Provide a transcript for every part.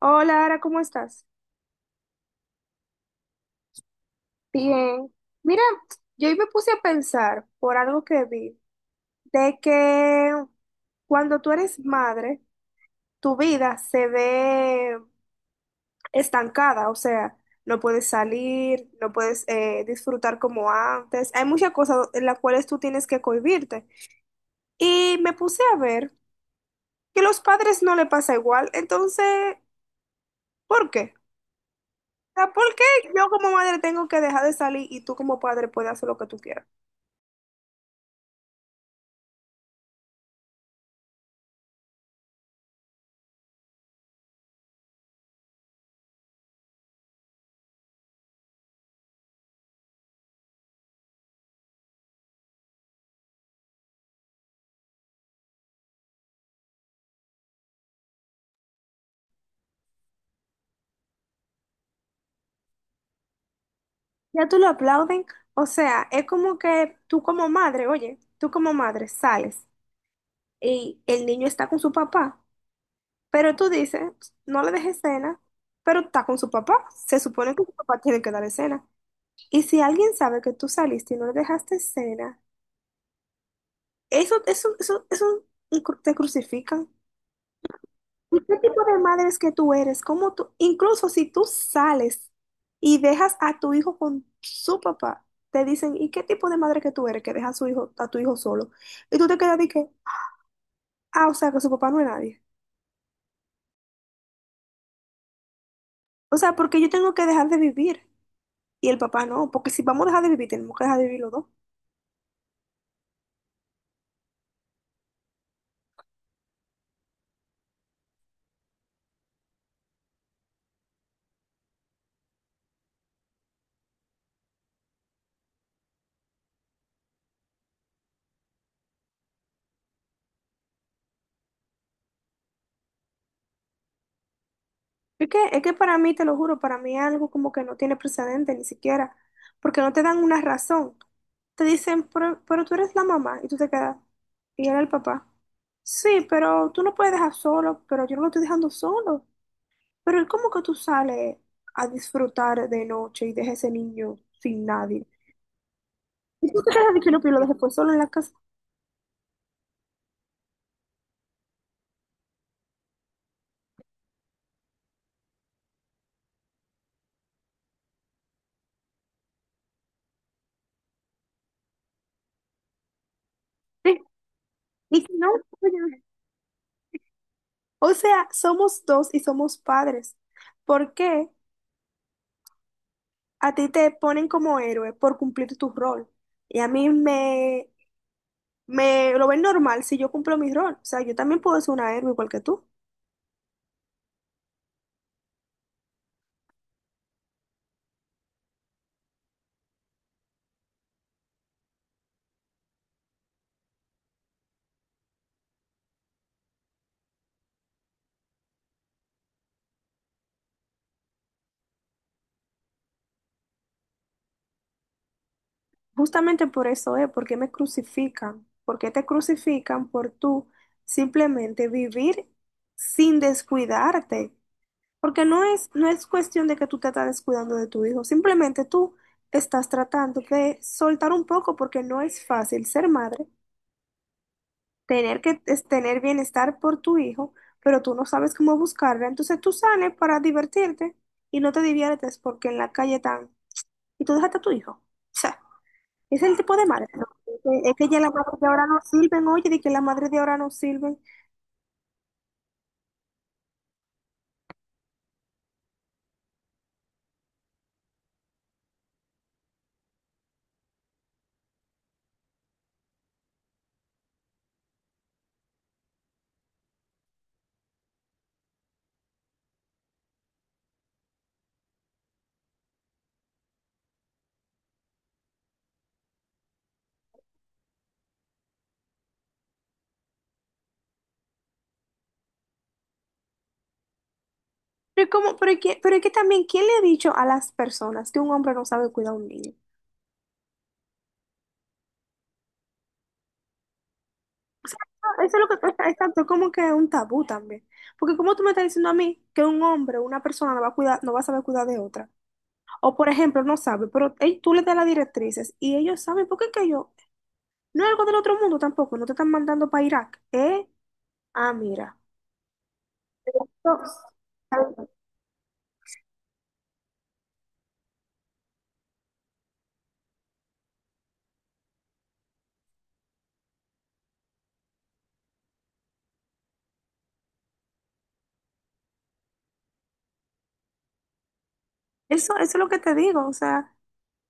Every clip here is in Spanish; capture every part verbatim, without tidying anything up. Hola, Ara, ¿cómo estás? Bien. Mira, yo hoy me puse a pensar por algo que vi, de que cuando tú eres madre, tu vida se ve estancada, o sea, no puedes salir, no puedes eh, disfrutar como antes. Hay muchas cosas en las cuales tú tienes que cohibirte. Y me puse a ver que los padres no le pasa igual, entonces, ¿por qué? O sea, ¿por qué yo como madre tengo que dejar de salir y tú como padre puedes hacer lo que tú quieras? Ya tú lo aplauden, o sea, es como que tú como madre, oye, tú como madre sales y el niño está con su papá, pero tú dices, no le dejes cena, pero está con su papá, se supone que su papá tiene que darle cena. Y si alguien sabe que tú saliste y no le dejaste cena, eso, eso, eso, eso cru- te crucifican. ¿Y qué tipo de madre es que tú eres? ¿Cómo tú, incluso si tú sales y dejas a tu hijo con su papá, te dicen, ¿y qué tipo de madre que tú eres que deja a su hijo, a tu hijo solo? Y tú te quedas de que, ah, o sea, que su papá no es nadie. O sea, porque yo tengo que dejar de vivir y el papá no, porque si vamos a dejar de vivir, tenemos que dejar de vivir los dos. Es que, es que para mí, te lo juro, para mí es algo como que no tiene precedente ni siquiera, porque no te dan una razón. Te dicen, pero, pero tú eres la mamá y tú te quedas, y él el papá. Sí, pero tú no puedes dejar solo, pero yo no lo estoy dejando solo. Pero ¿y cómo que tú sales a disfrutar de noche y dejas ese niño sin nadie? Y tú te quedas de que no, pero lo dejé pues solo en la casa. Sí, y que no, oye, o sea, somos dos y somos padres. ¿Por qué? A ti te ponen como héroe por cumplir tu rol. Y a mí me, me lo ven normal si yo cumplo mi rol. O sea, yo también puedo ser una héroe igual que tú. Justamente por eso es, porque me crucifican. ¿Porque te crucifican por tú simplemente vivir sin descuidarte? Porque no es, no es cuestión de que tú te estás descuidando de tu hijo, simplemente tú estás tratando de soltar un poco porque no es fácil ser madre, tener que es tener bienestar por tu hijo, pero tú no sabes cómo buscarla, entonces tú sales para divertirte y no te diviertes porque en la calle están y tú dejaste a tu hijo. O sea, es el tipo de madre. ¿No? Es que es que ya las madres de ahora no sirven, oye, de que las madres de ahora no sirven. Pero, ¿cómo? Pero, es que- pero es que también, ¿quién le ha dicho a las personas que un hombre no sabe cuidar a un niño? O sea, no, eso es lo que pasa, exacto, es como que un tabú también. Porque como tú me estás diciendo a mí que un hombre, una persona no va a cuidar, no va a saber cuidar de otra. O por ejemplo, no sabe, pero ey, tú le das las directrices y ellos saben, porque es que yo, no es algo del otro mundo tampoco, no te están mandando para Irak, ¿eh? Ah, mira. No, Eso, eso es lo que te digo, o sea,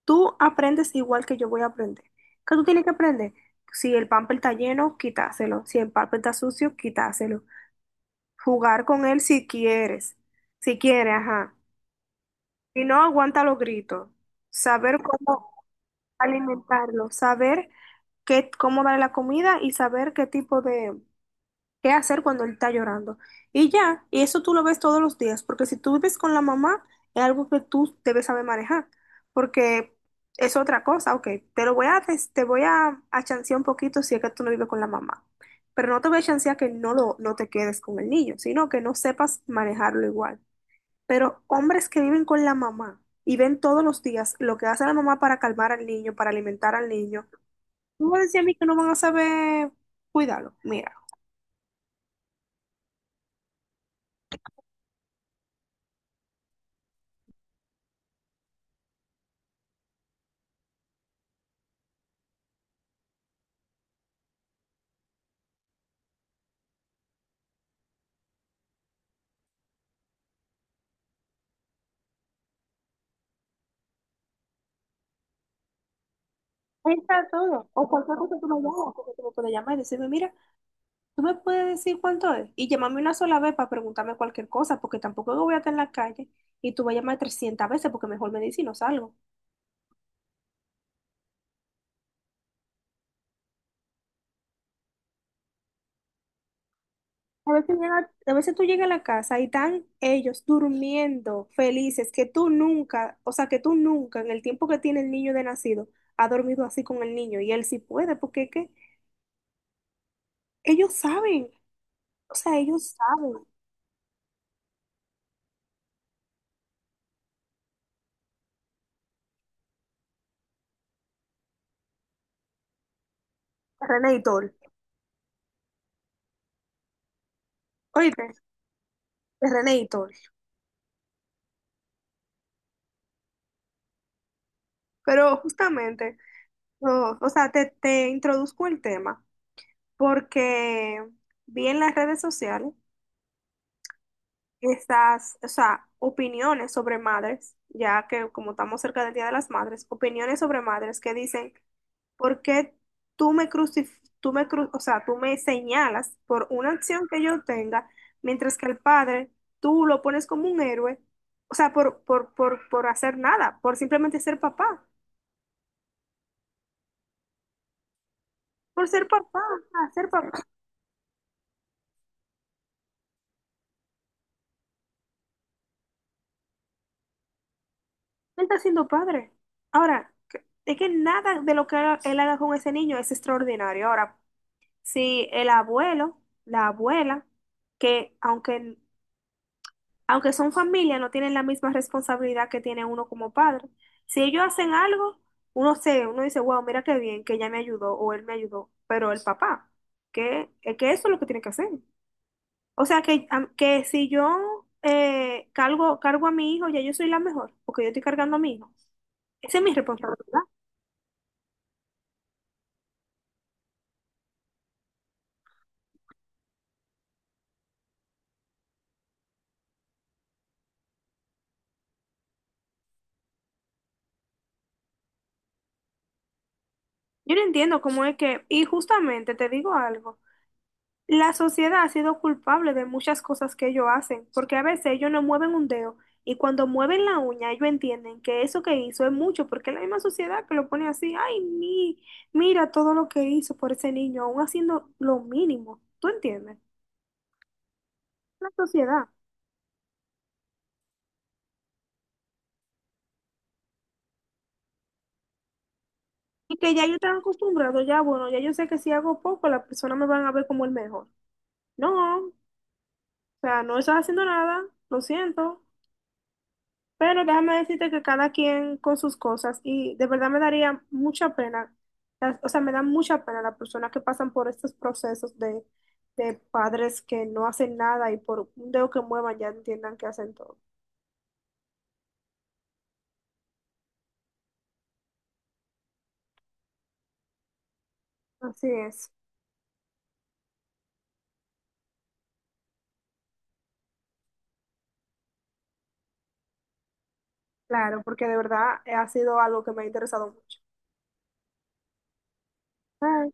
tú aprendes igual que yo voy a aprender. ¿Qué tú tienes que aprender? Si el pamper está lleno, quítaselo. Si el pamper está sucio, quítaselo. Jugar con él si quieres, si quiere, ajá. Si no, aguanta los gritos. Saber cómo alimentarlo, saber qué, cómo darle la comida y saber qué tipo de, qué hacer cuando él está llorando. Y ya, y eso tú lo ves todos los días, porque si tú vives con la mamá, es algo que tú debes saber manejar, porque es otra cosa, ok, te lo voy a, des- te, voy a, a chancear un poquito si es que tú no vives con la mamá, pero no te voy a chancear que no, lo, no te quedes con el niño, sino que no sepas manejarlo igual. Pero hombres que viven con la mamá y ven todos los días lo que hace la mamá para calmar al niño, para alimentar al niño, ¿cómo decía a mí que no van a saber cuidarlo? Mira. Ahí está todo. O cualquier cosa tú me llamas, porque tú me puedes llamar y decirme, mira, tú me puedes decir cuánto es. Y llámame una sola vez para preguntarme cualquier cosa, porque tampoco yo voy a estar en la calle y tú vas a llamar trescientas veces, porque mejor me dices y no salgo. A veces, llega- a veces tú llegas a la casa y están ellos durmiendo felices, que tú nunca, o sea, que tú nunca en el tiempo que tiene el niño de nacido, ha dormido así con el niño. Y él sí puede, porque es que ellos saben, o sea, ellos saben. René y Tol. Oíste, René y Tol. Pero justamente. No, o sea, te, te introduzco el tema porque vi en las redes sociales estas, o sea, opiniones sobre madres, ya que como estamos cerca del Día de las Madres, opiniones sobre madres que dicen, ¿por qué tú me crucif tú me cru- o sea, tú me señalas por una acción que yo tenga, mientras que el padre tú lo pones como un héroe, o sea, por, por, por, por hacer nada, por simplemente ser papá, por ser papá, o sea, ser papá. Él está siendo padre. Ahora, que- es que nada de lo que haga- él haga con ese niño es extraordinario. Ahora, si el abuelo, la abuela, que aunque, aunque son familia, no tienen la misma responsabilidad que tiene uno como padre. Si ellos hacen algo, uno se, uno dice, wow, mira qué bien, que ella me ayudó o él me ayudó. Pero el papá, que, es que eso es lo que tiene que hacer. O sea que, am- que si yo eh, cargo, cargo a mi hijo, ya yo soy la mejor, porque yo estoy cargando a mi hijo. Esa es mi responsabilidad. Yo no entiendo cómo es que, y justamente te digo algo, la sociedad ha sido culpable de muchas cosas que ellos hacen, porque a veces ellos no mueven un dedo y cuando mueven la uña ellos entienden que eso que hizo es mucho, porque es la misma sociedad que lo pone así, ay, mi, mira todo lo que hizo por ese niño, aún haciendo lo mínimo, ¿tú entiendes? La sociedad. Y que ya yo estaba acostumbrado, ya bueno, ya yo sé que si hago poco, las personas me van a ver como el mejor. No, o sea, no estás haciendo nada, lo siento. Pero déjame decirte que cada quien con sus cosas y de verdad me daría mucha pena, las- o sea, me da mucha pena las personas que pasan por estos procesos de, de padres que no hacen nada y por un dedo que muevan ya entiendan que hacen todo. Así es, claro, porque de verdad eh, ha sido algo que me ha interesado mucho. Bye.